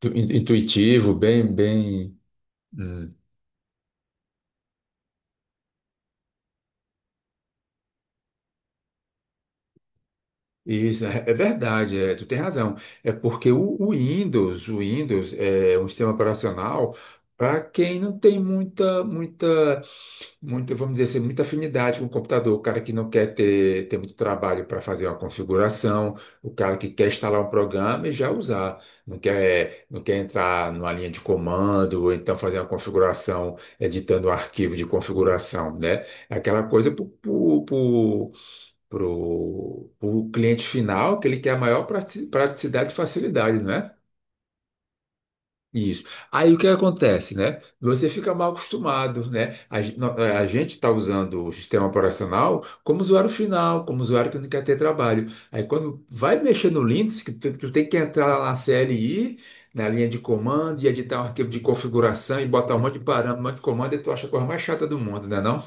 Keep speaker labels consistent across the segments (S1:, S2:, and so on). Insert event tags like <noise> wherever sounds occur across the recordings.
S1: Intuitivo, bem, bem. Hum. Isso, é verdade, é, tu tem razão. É porque o Windows é um sistema operacional para quem não tem muita, muita, muita, vamos dizer assim, muita afinidade com o computador, o cara que não quer ter muito trabalho para fazer uma configuração, o cara que quer instalar um programa e já usar, não quer entrar numa linha de comando, ou então fazer uma configuração, editando um arquivo de configuração, né? É aquela coisa para o cliente final, que ele quer a maior praticidade e facilidade, não é? Isso. Aí o que acontece, né? Você fica mal acostumado, né? A, gen- no- eh, a gente está usando o sistema operacional como usuário final, como usuário que não quer ter trabalho. Aí quando vai mexer no Linux, que tu tem que entrar lá na CLI, na linha de comando, e editar um arquivo de configuração e botar um monte de parâmetro, um monte de comando, e tu acha a coisa mais chata do mundo, né não?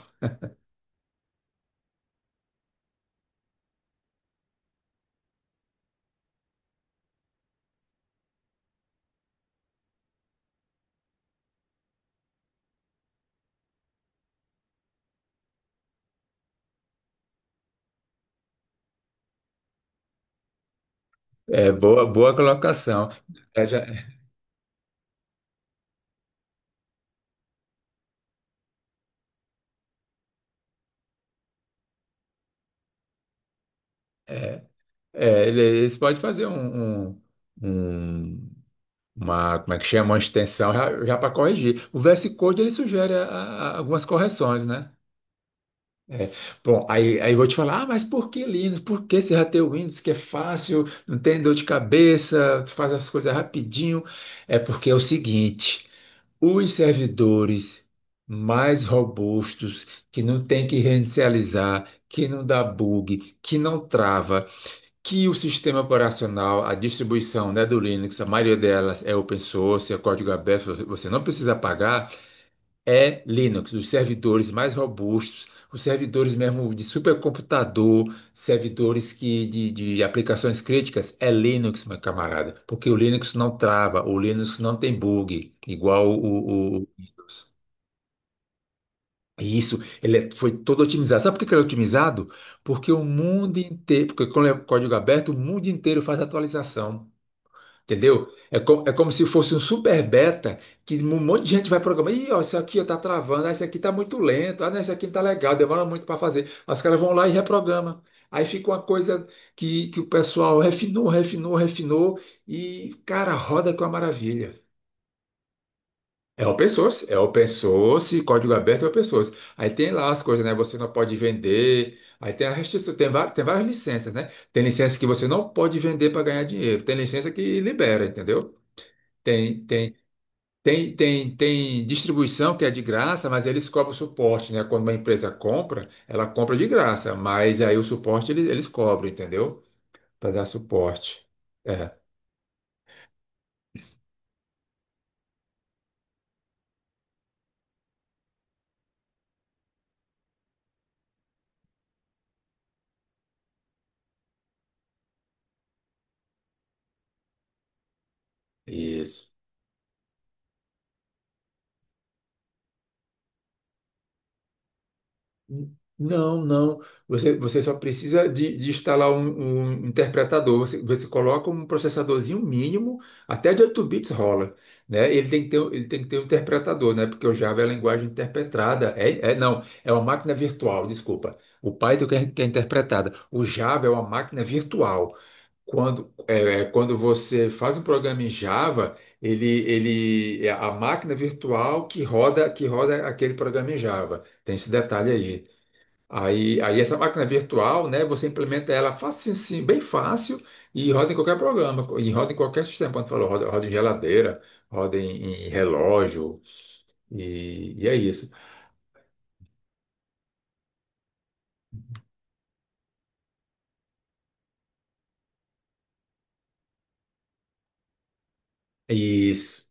S1: É boa, boa colocação. É, já- Eles podem fazer um- uma, como é que chama, uma extensão já para corrigir. O VS Code ele sugere algumas correções, né? É. Bom, aí eu vou te falar, ah, mas por que Linux? Por que você já tem o Windows que é fácil, não tem dor de cabeça, tu faz as coisas rapidinho? É porque é o seguinte, os servidores mais robustos, que não tem que reinicializar, que não dá bug, que não trava, que o sistema operacional, a distribuição, né, do Linux, a maioria delas é open source, é código aberto, você não precisa pagar, é Linux, os servidores mais robustos, os servidores mesmo de supercomputador, servidores que, de aplicações críticas, é Linux, meu camarada, porque o Linux não trava, o Linux não tem bug, igual o Windows. E isso, ele foi todo otimizado. Sabe por que que ele é otimizado? Porque o mundo inteiro, porque quando é código aberto, o mundo inteiro faz atualização. Entendeu? É como se fosse um super beta que um monte de gente vai programar. Ih, ó, isso aqui ó, tá travando, ah, isso aqui tá muito lento, ah, não, isso aqui não tá legal, demora muito para fazer. Aí os caras vão lá e reprogramam. Aí fica uma coisa que o pessoal refinou, refinou, refinou e, cara, roda com a maravilha. É open source, código aberto é open source. Aí tem lá as coisas, né? Você não pode vender. Aí tem a restrição, tem várias licenças, né? Tem licença que você não pode vender para ganhar dinheiro. Tem licença que libera, entendeu? Tem, tem, tem distribuição que é de graça, mas eles cobram suporte, né? Quando uma empresa compra, ela compra de graça, mas aí o suporte eles cobram, entendeu? Para dar suporte. É, isso. Não, não. Você só precisa de instalar um interpretador. Você coloca um processadorzinho mínimo, até de 8 bits rola, né? Ele tem que ter um interpretador, né? Porque o Java é a linguagem interpretada. Não, é uma máquina virtual, desculpa. O Python que é interpretada. O Java é uma máquina virtual. Quando você faz um programa em Java, ele é a máquina virtual que roda aquele programa em Java. Tem esse detalhe aí. Aí essa máquina virtual, né, você implementa ela fácil, sim, bem fácil e roda em qualquer programa, e roda em qualquer sistema. Quando falou, roda em geladeira, roda em relógio, e é isso. E isso,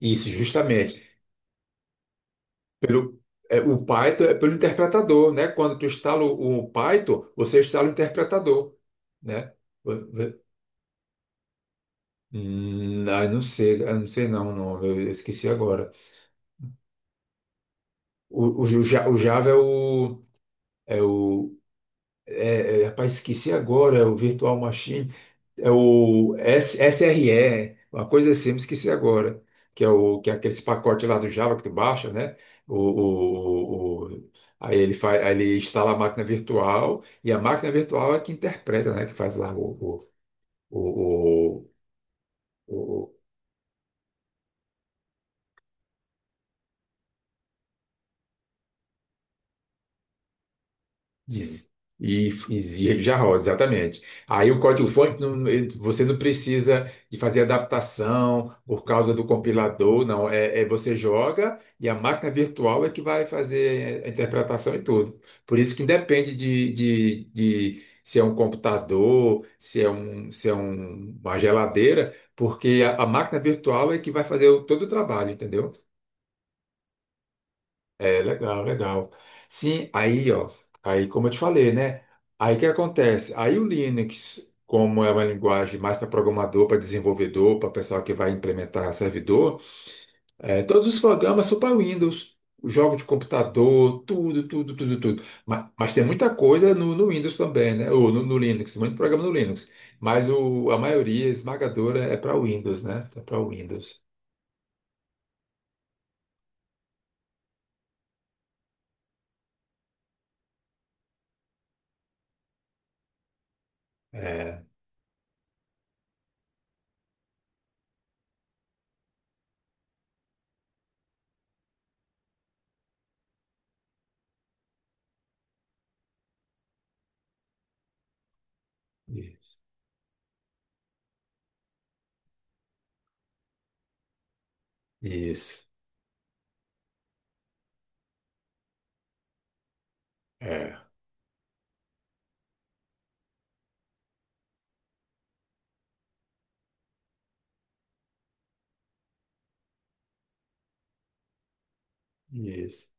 S1: isso justamente. Pelo, o Python é pelo interpretador, né? Quando tu instala o Python, você instala o interpretador, né? Vo- vo- eu não sei, não sei não, não, eu esqueci agora. O Java é o. Rapaz, esqueci agora, é o Virtual Machine, é o SRE, uma coisa assim, me esqueci agora, que é aqueles pacotes lá do Java que tu baixa, né? O, o- o- o- aí ele instala a máquina virtual, e a máquina virtual é que interpreta, né? Que faz lá o, o, o, Diz- e já roda, exatamente. Aí o código-fonte, você não precisa de fazer adaptação por causa do compilador, não. Você joga e a máquina virtual é que vai fazer a interpretação e tudo. Por isso que independe de se é um computador, se é, um, se é um- uma geladeira, porque a máquina virtual é que vai fazer todo o trabalho, entendeu? É, legal, legal. Sim, aí, ó, aí como eu te falei, né? Aí o que acontece? Aí o Linux, como é uma linguagem mais para programador, para desenvolvedor, para pessoal que vai implementar servidor, é, todos os programas são para Windows, jogos de computador, tudo, tudo, tudo, tudo. Mas tem muita coisa no, no Windows também, né? Ou no Linux, muito programa no Linux. Mas o, a maioria esmagadora é para Windows, né? É para Windows. É, isso. Isso. É, isso.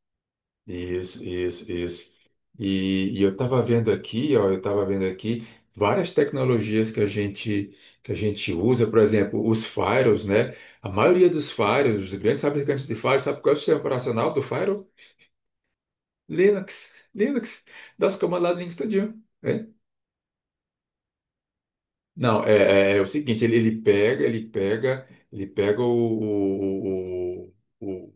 S1: Isso, isso, isso. E eu estava vendo aqui, ó, eu estava vendo aqui várias tecnologias que a gente usa, por exemplo, os firewalls, né? A maioria dos firewalls, os grandes fabricantes de firewalls, sabe qual é o sistema operacional do firewall? Linux, Linux, dá os comandos lá do Linux todinho. É. Não, é o seguinte, ele pega o,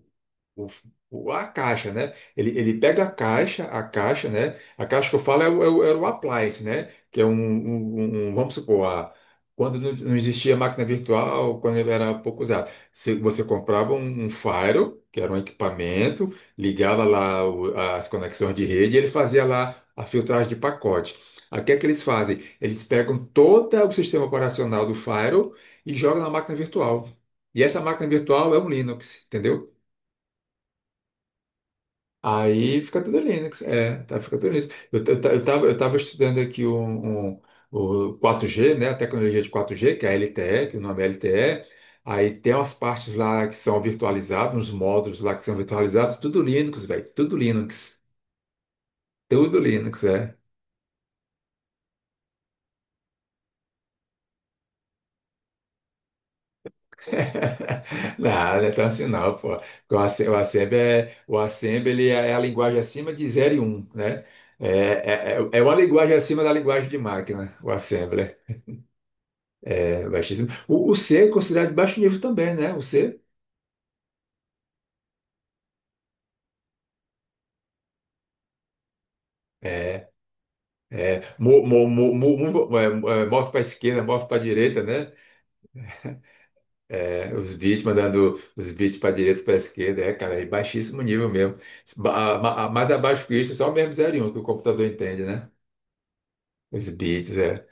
S1: o- a caixa, né? Ele pega a caixa, né? A caixa que eu falo é o appliance, né? Que é vamos supor, quando não existia máquina virtual, quando ele era pouco usado, se você comprava um Firewall, que era um equipamento, ligava lá as conexões de rede, e ele fazia lá a filtragem de pacote. Aí o que é que eles fazem? Eles pegam todo o sistema operacional do Firewall e jogam na máquina virtual. E essa máquina virtual é um Linux, entendeu? Aí fica tudo Linux. É, tá, fica tudo Linux. Eu tava estudando aqui o 4G, né? A tecnologia de 4G, que é a LTE, que o nome é LTE. Aí tem umas partes lá que são virtualizadas, uns módulos lá que são virtualizados, tudo Linux, velho. Tudo Linux. Tudo Linux, é. <laughs> Não, não é tão assim não, pô. Porque o Assembly ele é a linguagem acima de zero e 1, né? É uma linguagem acima da linguagem de máquina, o Assembly. É baixíssimo. O C é considerado de baixo nível também, né? O C. É, é, mo, mo, mo, mo, mo- é, move para esquerda, move para direita, né? É, os bits mandando os bits para direita, para esquerda, é, cara, é baixíssimo nível mesmo. Mais abaixo que isso, só mesmo 0 e 1 que o computador entende, né? Os bits, é.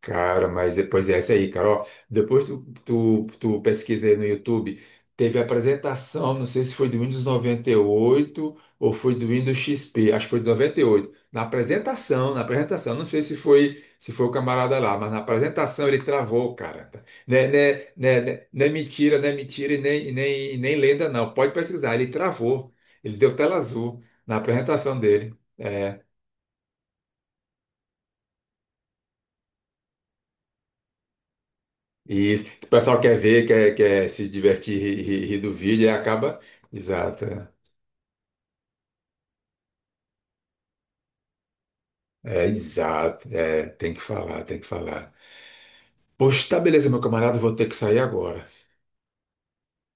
S1: Cara, mas depois é essa aí, cara. Ó, depois tu pesquisa aí no YouTube, teve a apresentação, não sei se foi do Windows 98 ou foi do Windows XP, acho que foi do 98. Na apresentação, não sei se foi o camarada lá, mas na apresentação ele travou, cara. Né, não é mentira, não é mentira e nem, e nem, e nem lenda, não. Pode pesquisar, ele travou. Ele deu tela azul na apresentação dele. É. Isso. O pessoal quer se divertir, rir do vídeo, e acaba. Exato. É, exato. É, tem que falar, tem que falar. Poxa, tá beleza, meu camarada, vou ter que sair agora.